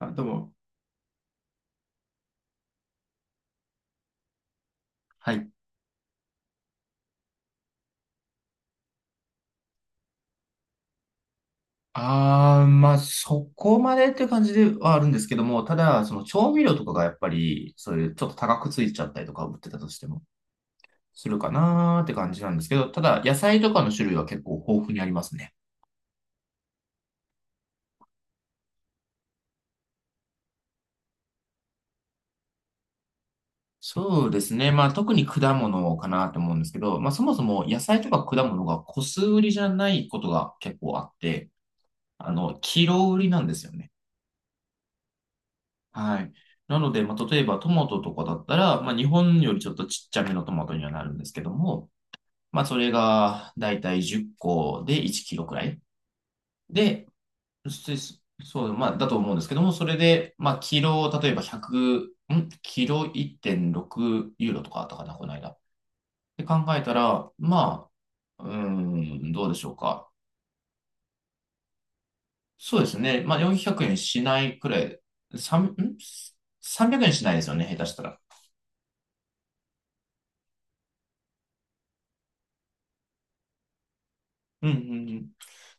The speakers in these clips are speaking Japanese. あ、どうも。はい。ああ、まあ、そこまでっていう感じではあるんですけども、ただ、その調味料とかがやっぱり、そういうちょっと高くついちゃったりとか、売ってたとしても、するかなーって感じなんですけど、ただ、野菜とかの種類は結構豊富にありますね。そうですね。まあ、特に果物かなと思うんですけど、まあ、そもそも野菜とか果物が個数売りじゃないことが結構あって、キロ売りなんですよね。はい。なので、まあ、例えばトマトとかだったら、まあ、日本よりちょっとちっちゃめのトマトにはなるんですけども、まあ、それがだいたい10個で1キロくらい。で、そそう、まあ、だと思うんですけども、それで、まあ、キロ、例えば100、キロ1.6ユーロとかあったかな、この間。で考えたら、まあ、うーん、どうでしょうか。そうですね。まあ、400円しないくらい、3、ん ?300 円しないですよね、下手したら。うんうんうん。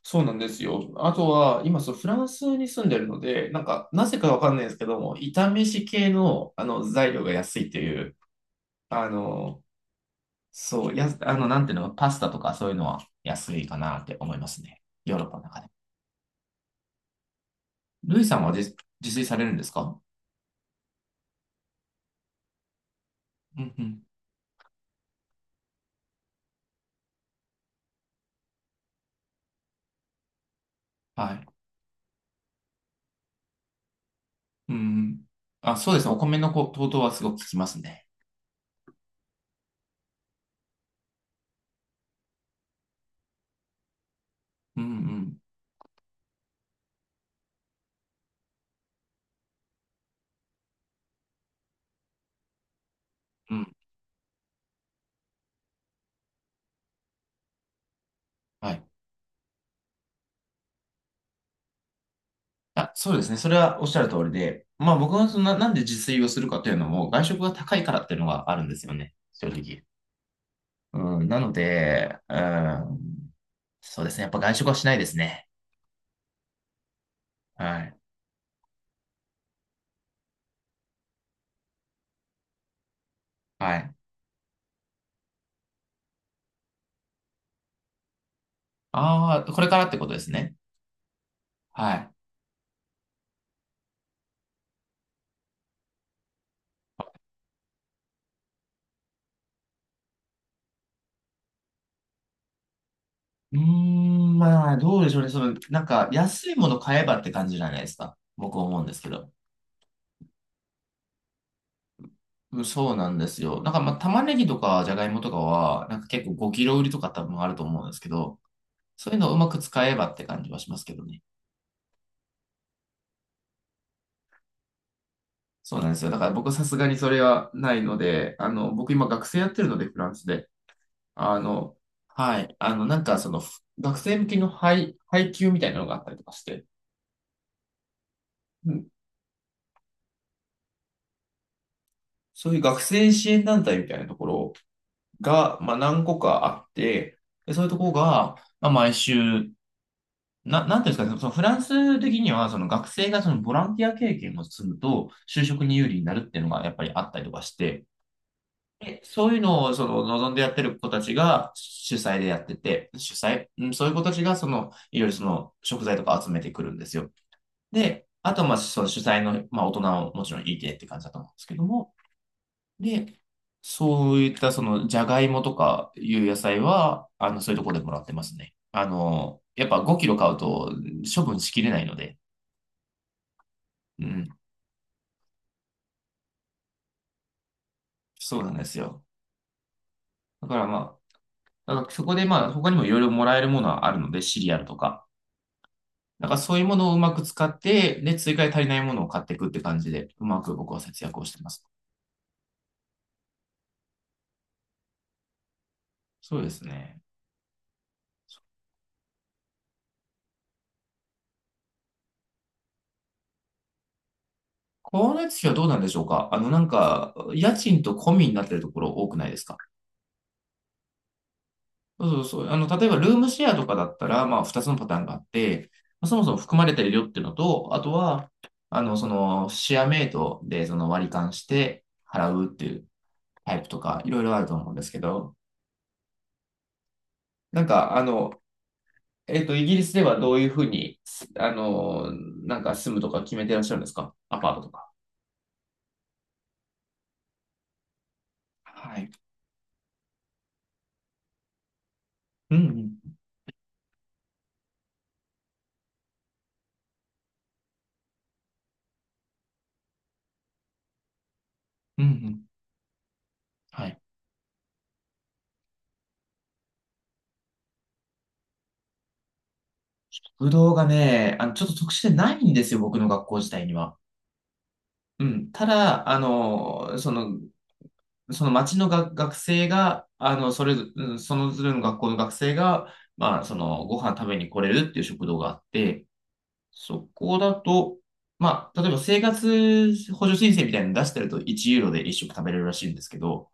そうなんですよ。あとは、今、そう、フランスに住んでるので、なんか、なぜかわかんないですけども、炒め飯系の、材料が安いっていう、あの、そう、やあの、なんていうの、パスタとかそういうのは安いかなって思いますね。ヨーロッパの中で。ルイさんは自炊されるんですか？うんうん。はい。うんうん。あ、そうですね。お米の高騰はすごく効きますね。うんうん。うん。はい。あ、そうですね。それはおっしゃる通りで、まあ僕はそんな、なんで自炊をするかというのも、外食が高いからっていうのがあるんですよね。正直。うん、なので、うん、そうですね。やっぱ外食はしないですね。はい。はい。ああ、これからってことですね。はい。うーん、まあ、どうでしょうね。その、なんか、安いもの買えばって感じじゃないですか。僕は思うんですけど。うんそうなんですよ。なんか、まあ、玉ねぎとか、じゃがいもとかは、なんか結構5キロ売りとか多分あると思うんですけど、そういうのをうまく使えばって感じはしますけどね。そうなんですよ。だから僕さすがにそれはないので、僕今学生やってるので、フランスで。あの、はい。なんかその、学生向けの配給みたいなのがあったりとかして、うんそういう学生支援団体みたいなところが、まあ何個かあって、で、そういうところが、まあ毎週、なんていうんですかね、そのフランス的には、その学生がそのボランティア経験を積むと、就職に有利になるっていうのがやっぱりあったりとかして、でそういうのをその望んでやってる子たちが主催でやってて、うん、そういう子たちがそのいろいろその食材とか集めてくるんですよ。で、あとはまあその主催の、まあ、大人ももちろんいてって感じだと思うんですけども、で、そういったそのじゃがいもとかいう野菜は、そういうところでもらってますね。やっぱ5キロ買うと処分しきれないので、うん、そうなんですよ。だからまだからそこでまあ他にもいろいろもらえるものはあるので、シリアルとか。なんかそういうものをうまく使って、で、追加で足りないものを買っていくって感じで、うまく僕は節約をしてます。そうですね。光熱費はどうなんでしょうか？なんか、家賃と込みになってるところ多くないですか？そうそうそう。例えばルームシェアとかだったら、まあ、二つのパターンがあって、まあそもそも含まれてるよっていうのと、あとは、その、シェアメイトで、その割り勘して払うっていうタイプとか、いろいろあると思うんですけど、なんか、イギリスではどういうふうに、すあの、なんか住むとか決めてらっしゃるんですか？アパートとか。はい。うんうん。うんうん。はい。ぶどうがね、ちょっと特殊でないんですよ、僕の学校自体には。うん。ただ、その町のが学生が、あの、それぞ、うんそのずれの学校の学生が、まあ、その、ご飯食べに来れるっていう食堂があって、そこだと、まあ、例えば生活補助申請みたいなの出してると1ユーロで1食食べれるらしいんですけど、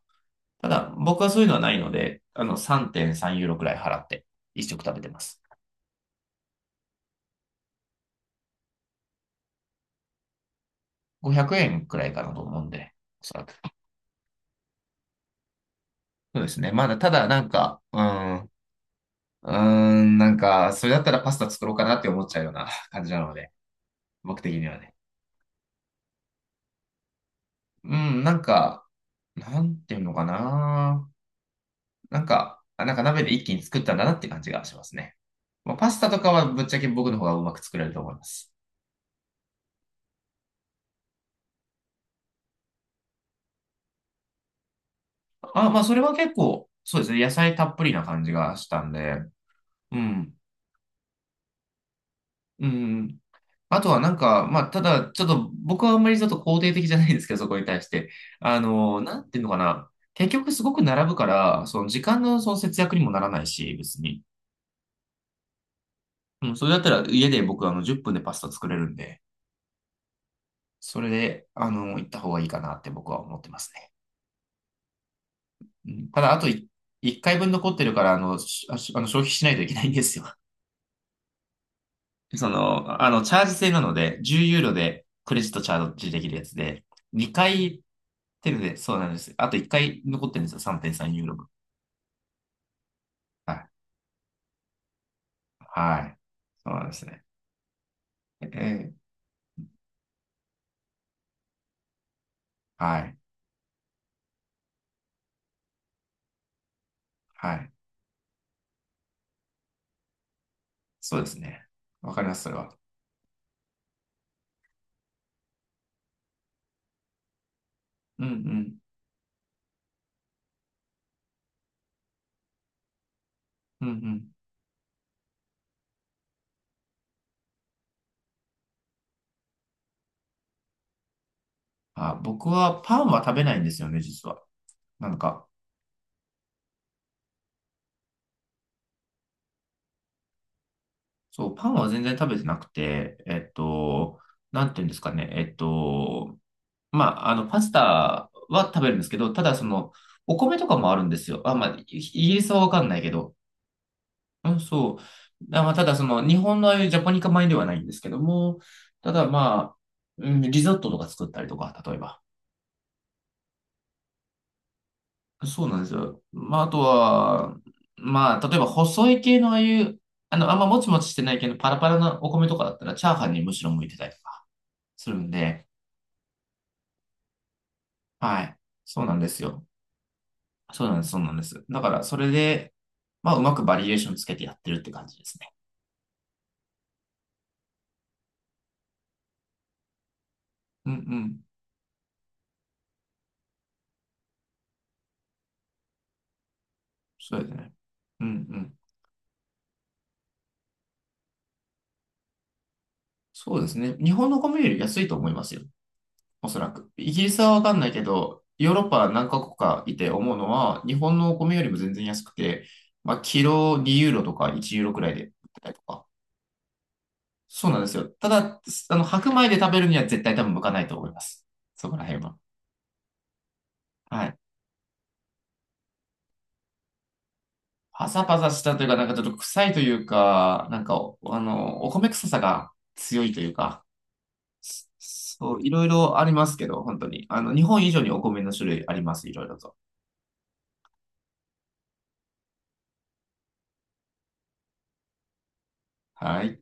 ただ、僕はそういうのはないので、3.3ユーロくらい払って、一食食べてます。500円くえんくらいかなと思うんで、おそらく。そうですね。まだ、ただ、なんか、ん、うーなんか、それだったらパスタ作ろうかなって思っちゃうような 感じなので、僕的にはね。うん、なんか、なんていうのかな。なんか、なんか鍋で一気に作ったんだなって感じがしますね。まあ、パスタとかはぶっちゃけ僕の方がうまく作れると思います。あ、まあ、それは結構、そうですね。野菜たっぷりな感じがしたんで、うん。うん。あとはなんか、まあ、ただ、ちょっと僕はあんまりちょっと肯定的じゃないんですけど、そこに対して。なんていうのかな。結局すごく並ぶから、その時間のその節約にもならないし、別に。うん、それだったら家で僕10分でパスタ作れるんで、それで、行った方がいいかなって僕は思ってますね。うん、ただ、あと1回分残ってるから、あの、しあしあの消費しないといけないんですよ。その、チャージ制なので、10ユーロでクレジットチャージできるやつで、2回テルで、そうなんです。あと1回残ってるんですよ、3.3ユーロ分。はい。はい。そうなんですね。ええはい。はい。そうですね。わかります、それは。うんうん。うんうん。あ、僕はパンは食べないんですよね、実は。なんか、そう、パンは全然食べてなくて、なんていうんですかね、まあ、パスタは食べるんですけど、ただその、お米とかもあるんですよ。あ、まあ、イギリスはわかんないけど。うん、そう。ただその、日本のああいうジャポニカ米ではないんですけども、ただまあ、うん、リゾットとか作ったりとか、例えば。そうなんですよ。まあ、あとは、まあ、例えば細い系のああいう、あんまもちもちしてない系のパラパラなお米とかだったら、チャーハンにむしろ向いてたりとかするんで、はい。そうなんですよ。そうなんです、そうなんです。だから、それで、まあ、うまくバリエーションつけてやってるって感じですね。うんうん。そうですね。うんうん。そうですね。日本の米より安いと思いますよ。おそらく。イギリスはわかんないけど、ヨーロッパ何カ国かいて思うのは、日本のお米よりも全然安くて、まあ、キロ2ユーロとか1ユーロくらいで売ってたりとか。そうなんですよ。ただ、白米で食べるには絶対多分向かないと思います。そこら辺は。はい。パサパサしたというか、なんかちょっと臭いというか、なんか、お米臭さが強いというか、そう、いろいろありますけど、本当に。日本以上にお米の種類あります、いろいろと。はい。